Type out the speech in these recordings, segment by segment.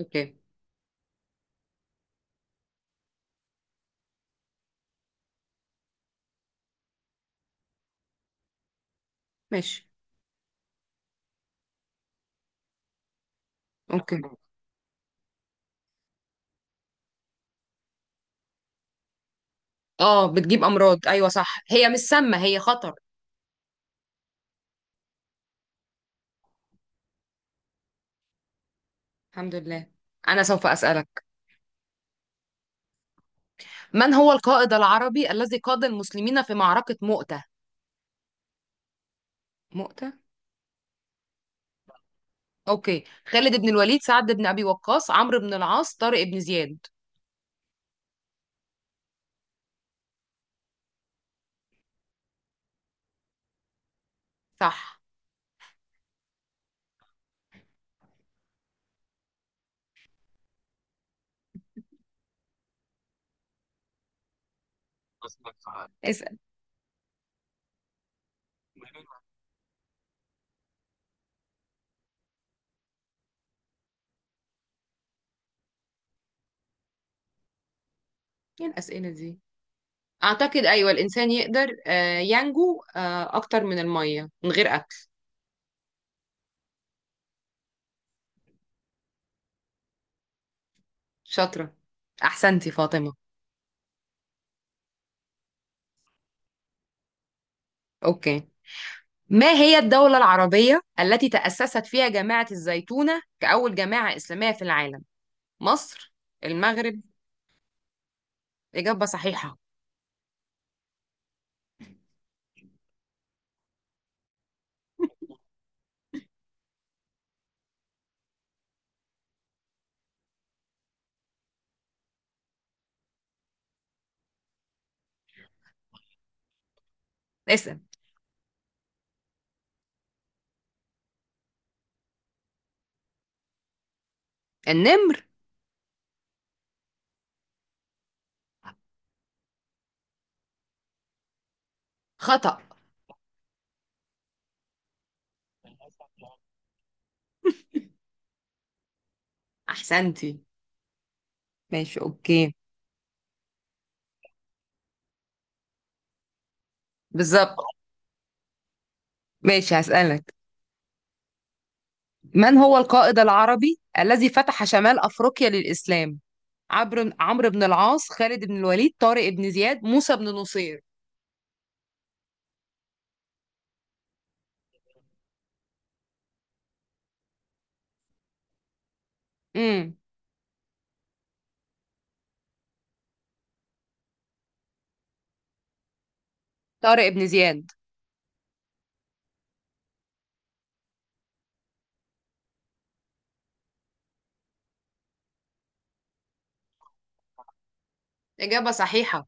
اوكي. ماشي. اوكي. اه، بتجيب امراض. ايوه صح، هي مش سامه، هي خطر. الحمد لله. انا سوف اسالك، من هو القائد العربي الذي قاد المسلمين في معركه مؤتة؟ مؤتة. اوكي، خالد بن الوليد، سعد بن ابي وقاص، عمرو بن العاص، طارق بن زياد. صح. اسال. ايه الاسئله دي؟ اعتقد ايوه، الانسان يقدر ينجو اكتر من الميه من غير اكل. شاطره. احسنتي فاطمه. اوكي، ما هي الدولة العربية التي تأسست فيها جامعة الزيتونة كأول جامعة إسلامية في العالم؟ مصر، المغرب، إجابة صحيحة. اسأل. النمر. خطأ. أحسنتي. ماشي أوكي. بالظبط. ماشي هسألك، من هو القائد العربي الذي فتح شمال أفريقيا للإسلام؟ عمرو بن العاص، خالد بن الوليد، طارق بن زياد، موسى بن نصير. امم طارق بن زياد. إجابة صحيحة.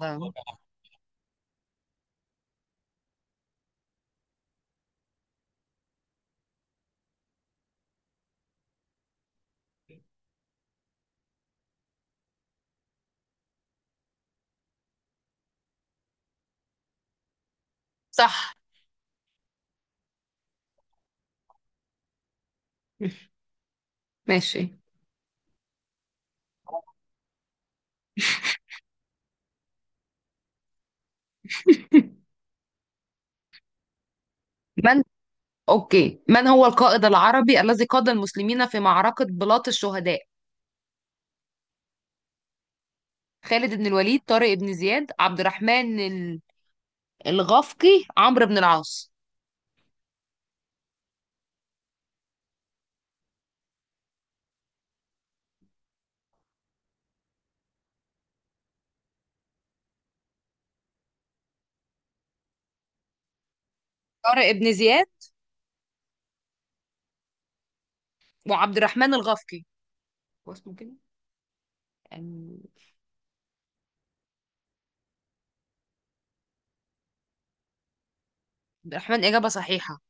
الله. صح. ماشي. من أوكي، من هو القائد العربي الذي قاد المسلمين في معركة بلاط الشهداء؟ خالد بن الوليد، طارق بن زياد، عبد الرحمن ال- الغفقي، عمرو بن العاص. طارق بن زياد وعبد الرحمن الغفقي، هو اسمه كده يعني. عبد الرحمن. إجابة صحيحة.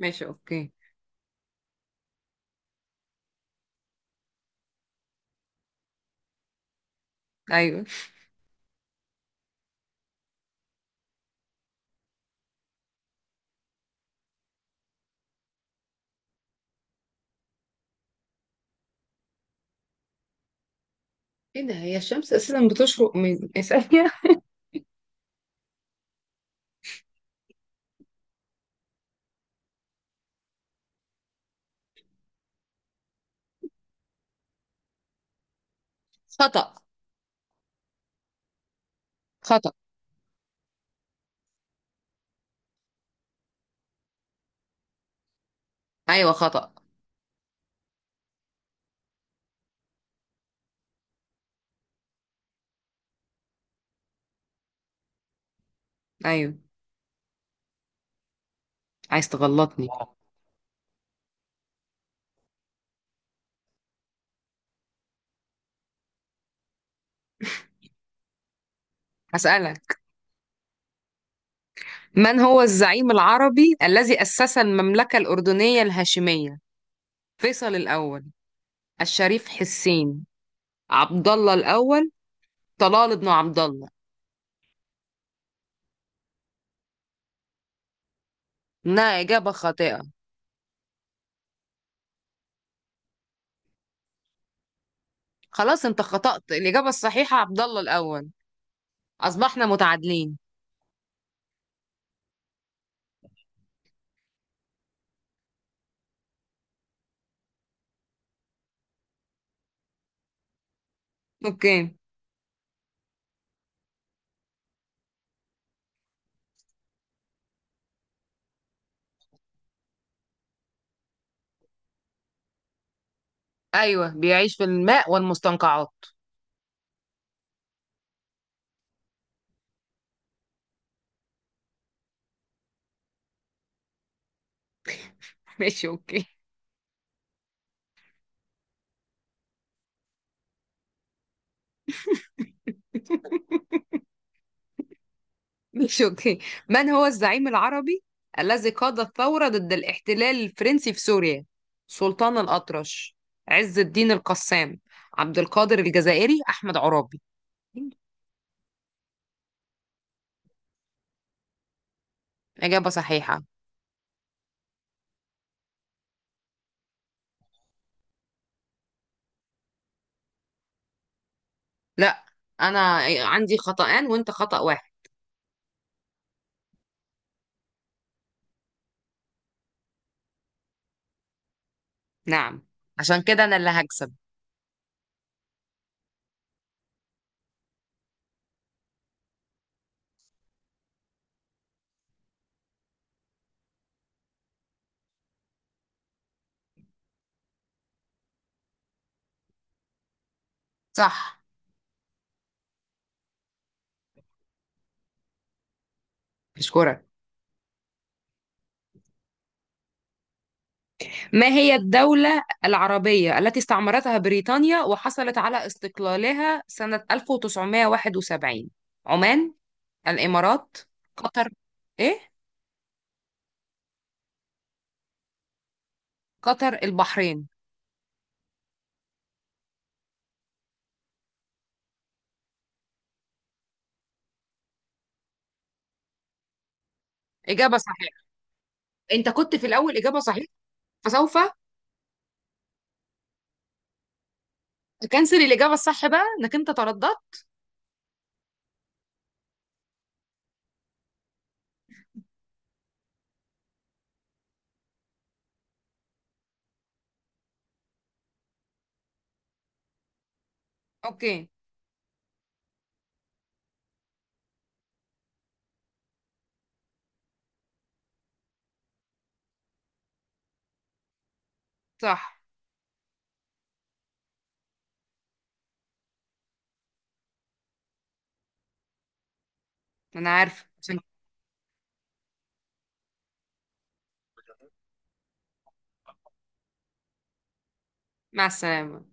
ماشي أوكي. أيوه. ايه ده؟ هي الشمس اساسا بتشرق من ثانية. خطأ. خطأ. ايوه خطأ. ايوه. عايز تغلطني. هسألك، من هو الزعيم العربي الذي أسس المملكة الأردنية الهاشمية؟ فيصل الأول، الشريف حسين، عبد الله الأول، طلال بن عبد الله. إنها إجابة خاطئة. خلاص، أنت خطأت. الإجابة الصحيحة عبد الله الأول. أصبحنا متعادلين. أوكي. أيوه، بيعيش في الماء والمستنقعات. ماشي أوكي. ماشي أوكي. من هو الزعيم العربي الذي قاد الثورة ضد الاحتلال الفرنسي في سوريا؟ سلطان الأطرش، عز الدين القسام، عبد القادر الجزائري، أحمد عرابي. إجابة صحيحة. لا، انا عندي خطأان وانت خطأ واحد. نعم، عشان كده انا اللي هكسب. صح. اشكرك. ما هي الدولة العربية التي استعمرتها بريطانيا وحصلت على استقلالها سنة 1971؟ عمان، الامارات، قطر، ايه، قطر، البحرين. اجابة صحيحة. انت كنت في الاول اجابة صحيحة، فسوف اكنسل الاجابة الصح بقى انك انت ترددت. اوكي. صح. انا عارفه عشان-. مع السلامة.